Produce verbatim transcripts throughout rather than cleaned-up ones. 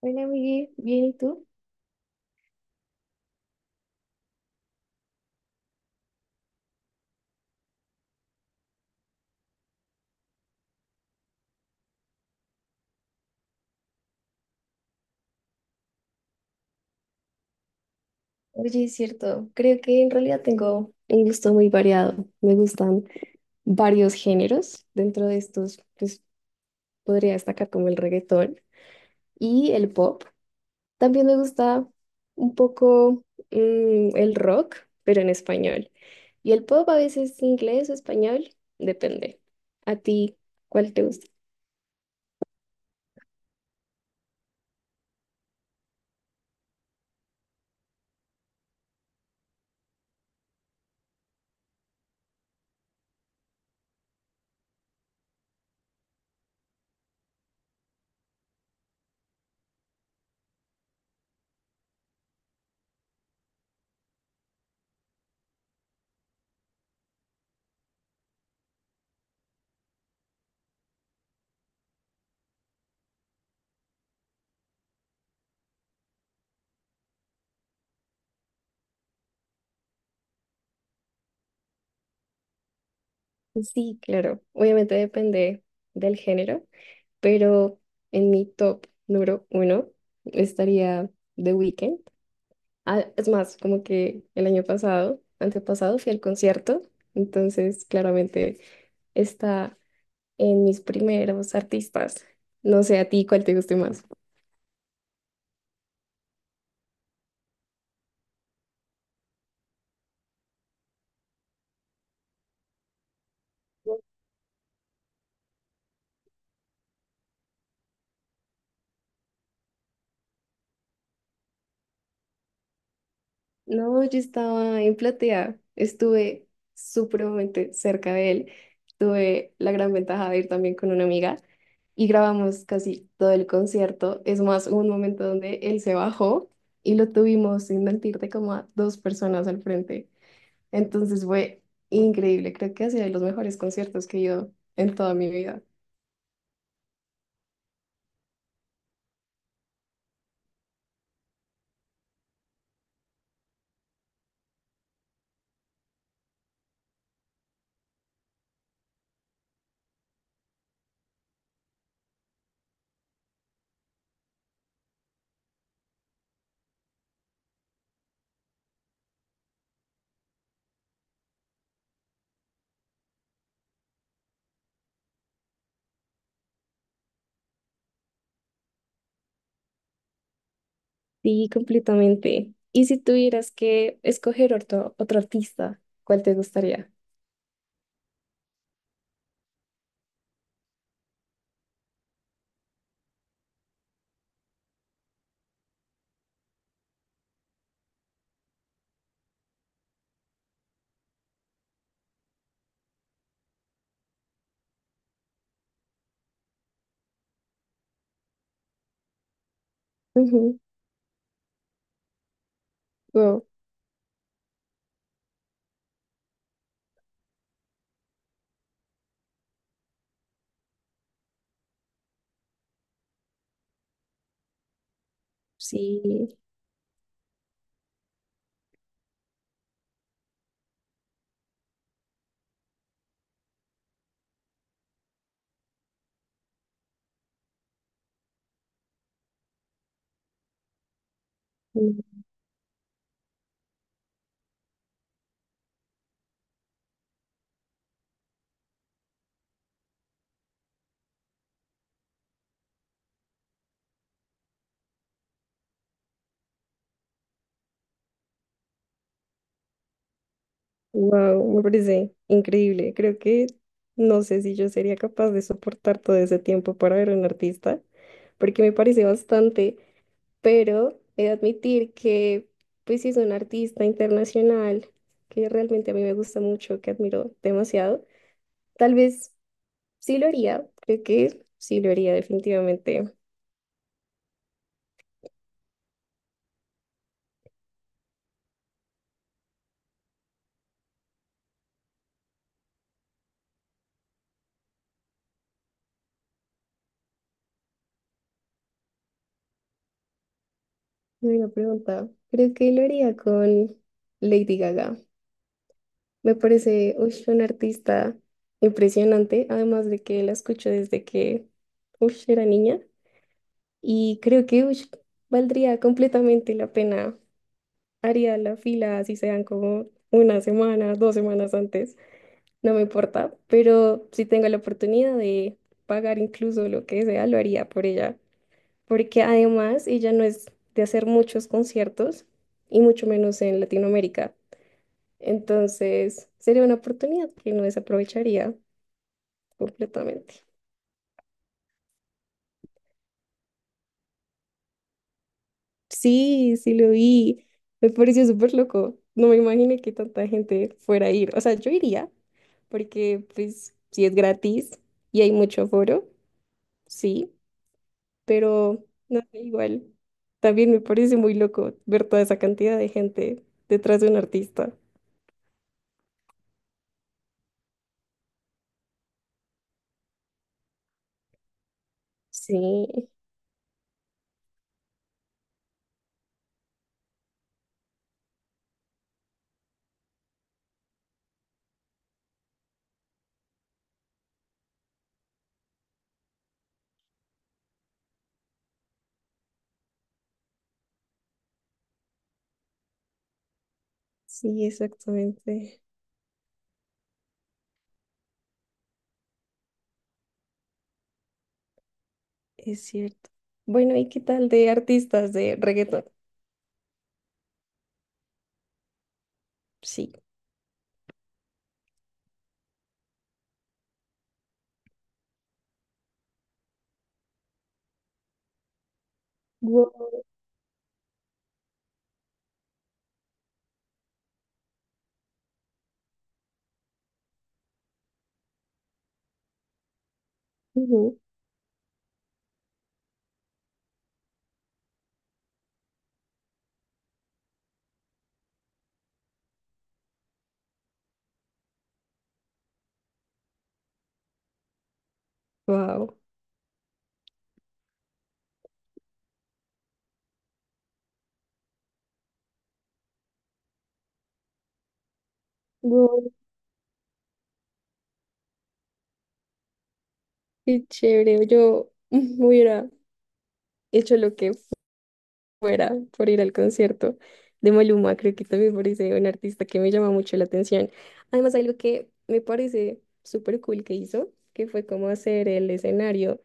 Hola, Miguel. Bien, ¿y tú? Oye, es cierto. Creo que en realidad tengo un gusto muy variado. Me gustan varios géneros. Dentro de estos, pues podría destacar como el reggaetón y el pop. También me gusta un poco mm, el rock, pero en español. Y el pop a veces inglés o español, depende. ¿A ti cuál te gusta? Sí, claro. Obviamente depende del género, pero en mi top número uno estaría The Weeknd. Ah, es más, como que el año pasado, antepasado, fui al concierto, entonces claramente está en mis primeros artistas. No sé a ti cuál te guste más. No, yo estaba en Platea, estuve supremamente cerca de él. Tuve la gran ventaja de ir también con una amiga y grabamos casi todo el concierto. Es más, hubo un momento donde él se bajó y lo tuvimos, sin mentirte, como a dos personas al frente. Entonces fue increíble. Creo que ha sido de los mejores conciertos que he ido en toda mi vida. Sí, completamente. ¿Y si tuvieras que escoger otro, otro artista, cuál te gustaría? Ujú. Wow. Sí. Wow, me parece increíble. Creo que no sé si yo sería capaz de soportar todo ese tiempo para ver a un artista, porque me parece bastante, pero he de admitir que, pues, si es un artista internacional que realmente a mí me gusta mucho, que admiro demasiado, tal vez sí lo haría. Creo que sí lo haría, definitivamente. Una pregunta. Creo que lo haría con Lady Gaga. Me parece, uy, un artista impresionante, además de que la escucho desde que, uy, era niña y creo que, uy, valdría completamente la pena. Haría la fila, así sean como una semana, dos semanas antes, no me importa, pero si tengo la oportunidad de pagar incluso lo que sea, lo haría por ella, porque además ella no es de hacer muchos conciertos y mucho menos en Latinoamérica. Entonces, sería una oportunidad que no desaprovecharía completamente. Sí, sí lo vi. Me pareció súper loco. No me imaginé que tanta gente fuera a ir. O sea, yo iría, porque pues si es gratis y hay mucho aforo, sí, pero no sé, igual. También me parece muy loco ver toda esa cantidad de gente detrás de un artista. Sí, sí, exactamente. Es cierto. Bueno, ¿y qué tal de artistas de reggaetón? Sí. Wow. Wow, qué chévere. Yo mm, hubiera hecho lo que fuera por ir al concierto de Maluma. Creo que también me parece un artista que me llama mucho la atención. Además, algo que me parece súper cool que hizo, que fue como hacer el escenario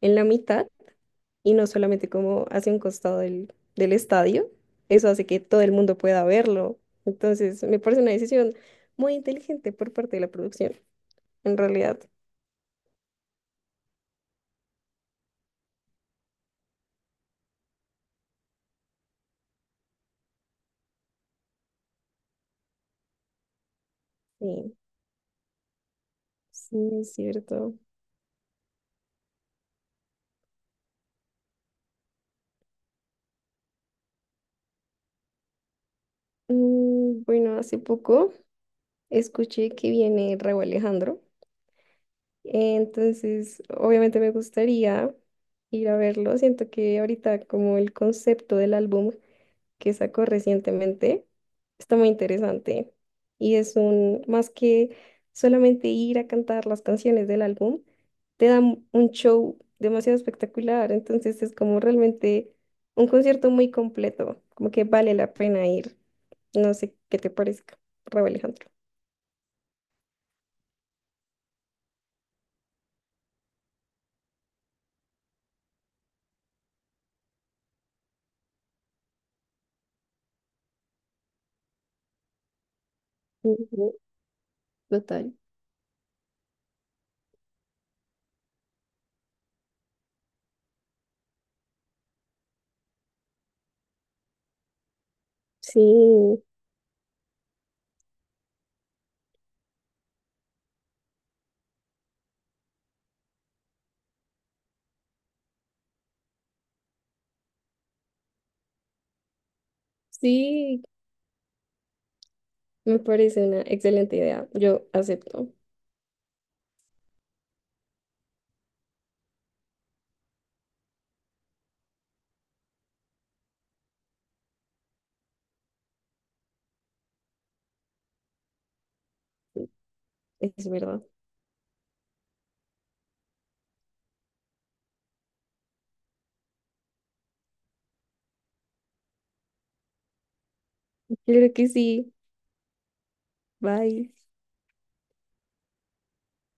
en la mitad y no solamente como hacia un costado del, del estadio. Eso hace que todo el mundo pueda verlo. Entonces, me parece una decisión muy inteligente por parte de la producción, en realidad. Sí, sí, es cierto. Mm, bueno, hace poco escuché que viene Raúl Alejandro, entonces obviamente me gustaría ir a verlo. Siento que ahorita como el concepto del álbum que sacó recientemente está muy interesante. Y es un, más que solamente ir a cantar las canciones del álbum, te dan un show demasiado espectacular. Entonces es como realmente un concierto muy completo, como que vale la pena ir. No sé qué te parezca Raúl Alejandro. Ujú. Total. Sí, sí, me parece una excelente idea. Yo acepto. Es verdad. Creo que sí. Bye.